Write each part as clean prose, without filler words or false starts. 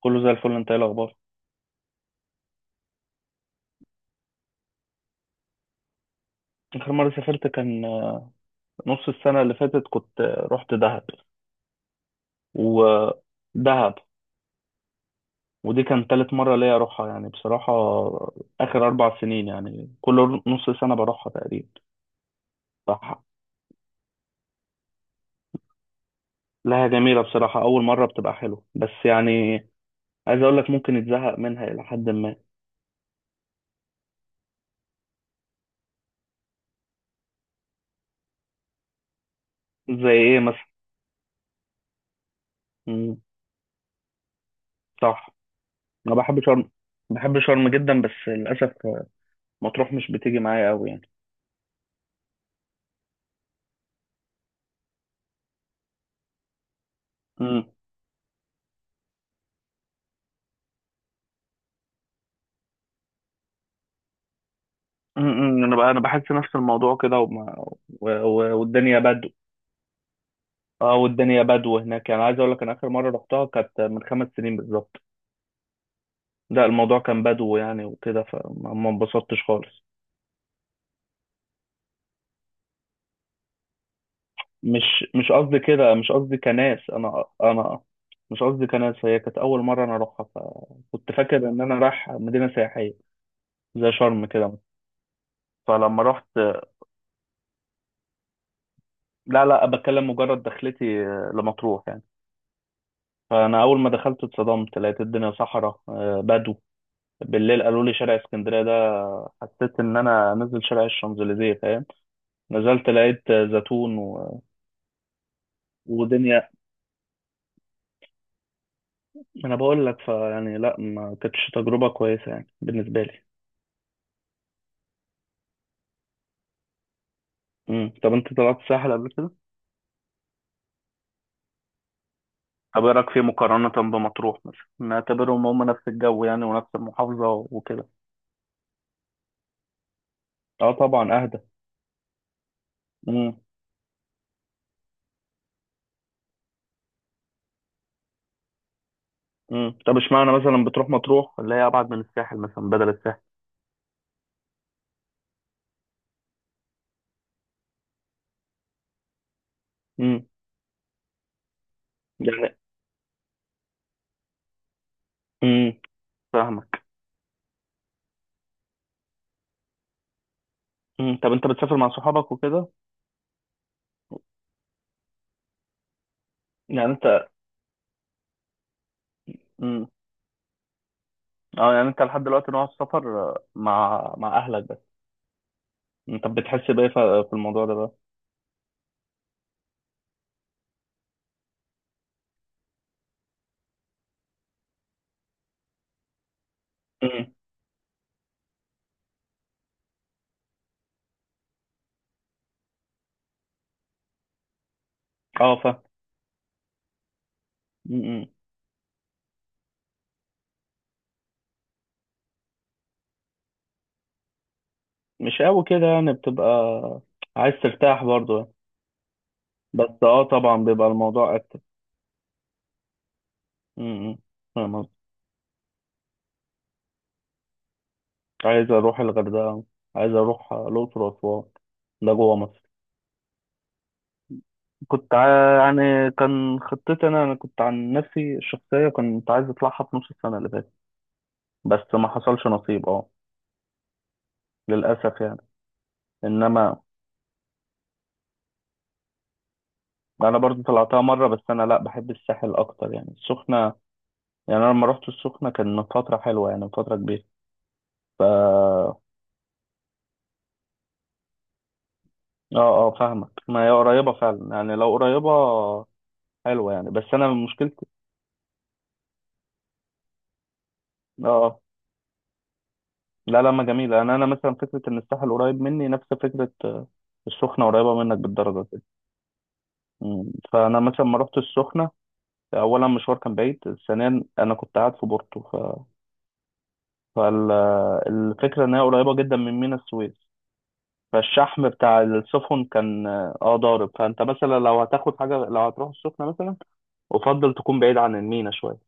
كله زي الفل. انت ايه الاخبار؟ اخر مره سافرت كان نص السنه اللي فاتت، كنت رحت دهب. ودهب ودي كان تالت مره ليا اروحها يعني، بصراحه اخر 4 سنين يعني كل نص سنه بروحها تقريبا. صح، لها جميله بصراحه. اول مره بتبقى حلوه، بس يعني عايز اقول لك ممكن يتزهق منها الى حد ما. زي ايه مثلا؟ مم، صح. انا بحب شرم. بحب شرم جدا، بس للاسف مطروح مش بتيجي معايا قوي يعني. انا بحس نفس الموضوع كده، والدنيا بدو. اه، والدنيا بدو هناك يعني. عايز اقول لك انا اخر مره رحتها كانت من 5 سنين بالظبط. لا، الموضوع كان بدو يعني وكده، فما ما انبسطتش خالص. مش مش قصدي كده، مش قصدي كناس انا انا مش قصدي كناس هي كانت اول مره انا اروحها، فكنت فاكر ان انا رايح مدينه سياحيه زي شرم كده. فلما رحت، لا لا، بتكلم مجرد دخلتي لمطروح يعني. فانا اول ما دخلت اتصدمت، لقيت الدنيا صحراء، بدو. بالليل قالوا لي شارع اسكندريه ده، حسيت ان انا نزل شارع الشانزليزيه، فاهم. نزلت لقيت زيتون و... ودنيا. انا بقول لك فيعني لا، ما كانتش تجربه كويسه يعني بالنسبه لي. طب انت طلعت الساحل قبل كده؟ طب ايه رايك فيه مقارنه بمطروح مثلا؟ نعتبرهم هم نفس الجو يعني، ونفس المحافظه وكده. اه طبعا، اهدى. امم. طب اشمعنى مثلا بتروح مطروح اللي هي ابعد من الساحل، مثلا بدل الساحل؟ امم، يعني. امم فاهمك. طب انت بتسافر مع صحابك وكده؟ يعني انت. مم. اه، يعني انت لحد دلوقتي نوع السفر، مع اهلك بس؟ انت بتحس بايه في الموضوع ده بقى؟ امم. اه فاهم. امم. مش قوي كده يعني، بتبقى عايز ترتاح برضه يعني. بس اه، طبعا بيبقى الموضوع اكتر. امم. فاهم قصدي. عايز اروح الغردقه، عايز اروح الاقصر واسوان، ده جوه مصر. يعني كان خطتي، انا كنت عن نفسي الشخصيه كنت عايز اطلعها في نص السنه اللي فاتت، بس ما حصلش نصيب. اه، للاسف يعني. انما انا برضو طلعتها مره، بس انا لا بحب الساحل اكتر يعني. السخنه يعني انا لما رحت السخنه كان من فتره حلوه يعني، من فتره كبيره. ف اه، اه فاهمك، ما هي قريبه فعلا يعني، لو قريبه حلوه يعني. بس انا مشكلتي، اه آه. لا لا، ما جميله، انا انا مثلا فكره ان الساحل قريب مني نفس فكره السخنه قريبه منك بالدرجه كده. مم. فانا مثلا ما رحت السخنه، اولا مشوار كان بعيد، ثانيا انا كنت قاعد في بورتو ف... فالفكره ان هي قريبه جدا من ميناء السويس، فالشحم بتاع السفن كان اه ضارب. فانت مثلا لو هتاخد حاجه، لو هتروح السخنه مثلا، افضل تكون بعيد عن المينا شويه.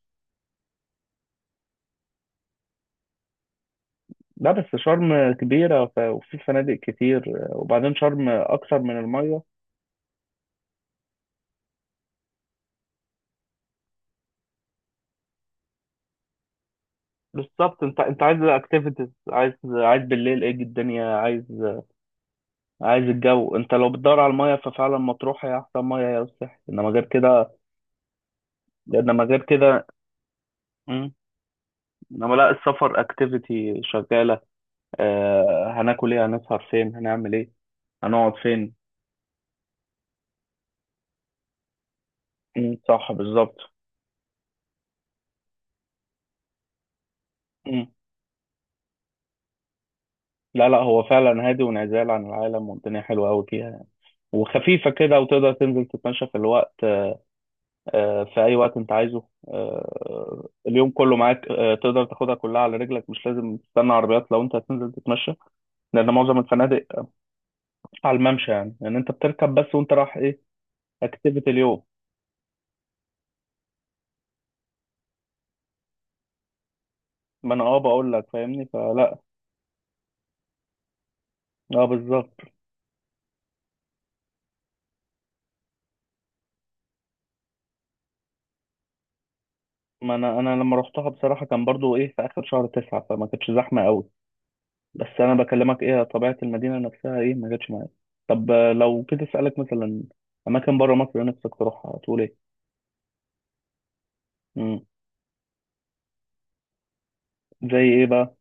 لا، بس شرم كبيره ف... وفي فنادق كتير، وبعدين شرم اكثر من الميه. بالظبط، انت عايز اكتيفيتيز، عايز بالليل ايه الدنيا، عايز الجو. انت لو بتدور على الميه، ففعلا مطروح هي احسن ميه، يا الساحل. انما غير كده، انما غير كده. مم. انما لا، السفر اكتيفيتي شغاله، آه، هناكل ايه، هنسهر فين، هنعمل ايه، هنقعد فين. مم، صح بالظبط. مم. لا لا، هو فعلا هادي وانعزال عن العالم، والدنيا حلوة قوي فيها يعني. وخفيفة كده، وتقدر تنزل تتمشى في الوقت، في أي وقت أنت عايزه، اليوم كله معاك، تقدر تاخدها كلها على رجلك. مش لازم تستنى عربيات لو أنت هتنزل تتمشى، لأن معظم الفنادق على الممشى يعني، لأن أنت بتركب بس. وأنت رايح إيه؟ أكتيفيتي اليوم. ما أنا أه بقول لك، فاهمني فلا. أه بالظبط. ما انا لما روحتها بصراحه كان برضو ايه في اخر شهر 9، فما كانتش زحمه قوي. بس انا بكلمك ايه طبيعه المدينه نفسها ايه، ما جاتش معايا. طب لو كنت اسالك مثلا اماكن بره مصر نفسك تروحها، تقول ايه؟ امم. زي ايه بقى؟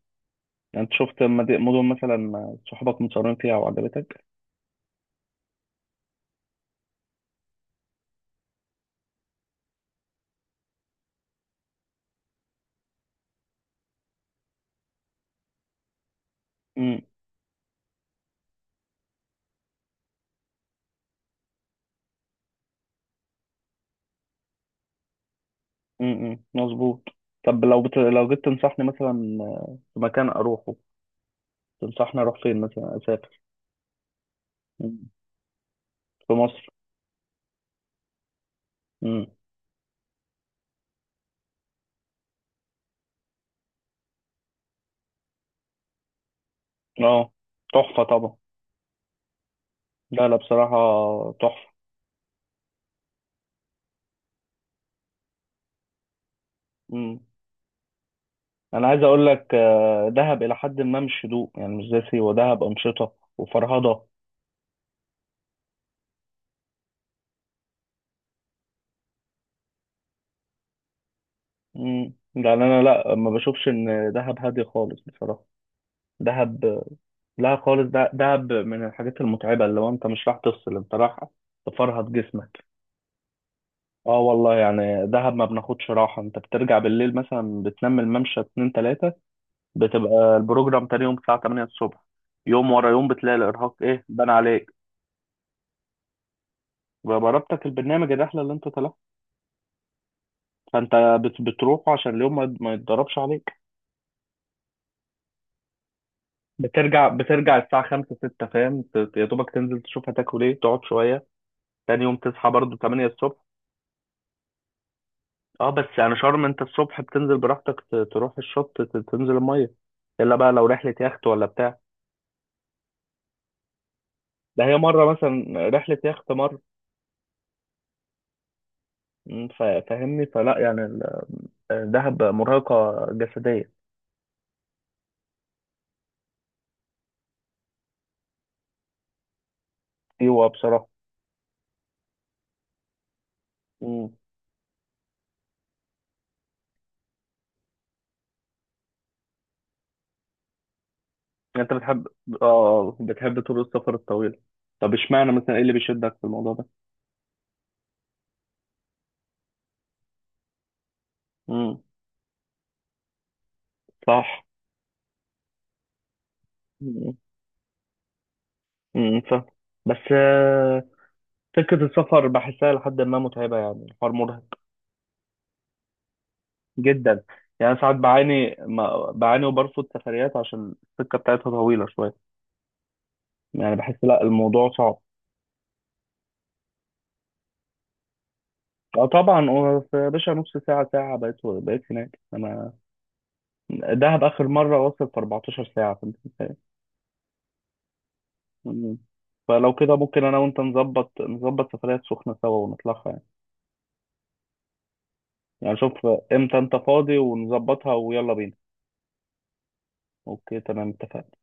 يعني انت شفت مدن مثلا صحابك متصورين فيها وعجبتك؟ امم. امم، مظبوط. طب لو جيت تنصحني مثلا في مكان اروحه، تنصحني اروح فين مثلا اسافر؟ مم، في مصر. امم. اه، تحفه طبعا. لا لا، بصراحه تحفه. مم. انا عايز اقول لك، دهب الى حد ما مش هدوء يعني، مش زي سيوه. دهب انشطه وفرهضه. امم، يعني انا لا، ما بشوفش ان دهب هادي خالص بصراحه. دهب لا خالص، ده دهب من الحاجات المتعبه، اللي هو انت مش راح تفصل، انت راح تفرهد جسمك. اه والله يعني، دهب ما بناخدش راحه. انت بترجع بالليل مثلا بتنام، الممشى 2 3، بتبقى البروجرام تاني يوم الساعه 8 الصبح. يوم ورا يوم بتلاقي الارهاق ايه بان عليك. جربتك البرنامج الرحله اللي انت، فانت بتروح عشان اليوم ما يتضربش عليك. بترجع الساعة خمسة ستة فاهم، يا دوبك تنزل تشوف هتاكل ايه، تقعد شوية، تاني يوم تصحى برضو 8 الصبح. اه، بس يعني شرم انت الصبح بتنزل براحتك، تروح الشط، تنزل المية، الا بقى لو رحلة يخت ولا بتاع. ده هي مرة مثلا رحلة يخت مرة. م، فاهمني فلا يعني، دهب مرهقة جسديا. ايوه بصراحة. م. انت بتحب؟ اه، بتحب طول السفر الطويل؟ طب اشمعنى مثلا، ايه اللي بيشدك في الموضوع ده؟ صح. مم. مم، صح. بس فكرة السفر بحسها لحد ما متعبة يعني، الحوار مرهق جدا يعني. أنا ساعات بعاني، ما بعاني وبرفض سفريات عشان السكة بتاعتها طويلة شوية يعني، بحس لا الموضوع صعب. اه طبعا، هو يا باشا نص ساعة ساعة بقيت هناك انا. دهب اخر مرة وصل في 14 ساعة، فانت متخيل؟ مم. فلو كده ممكن انا وانت نظبط سفريات سخنة سوا ونطلعها يعني. يعني شوف امتى انت فاضي ونظبطها ويلا بينا. اوكي تمام اتفقنا.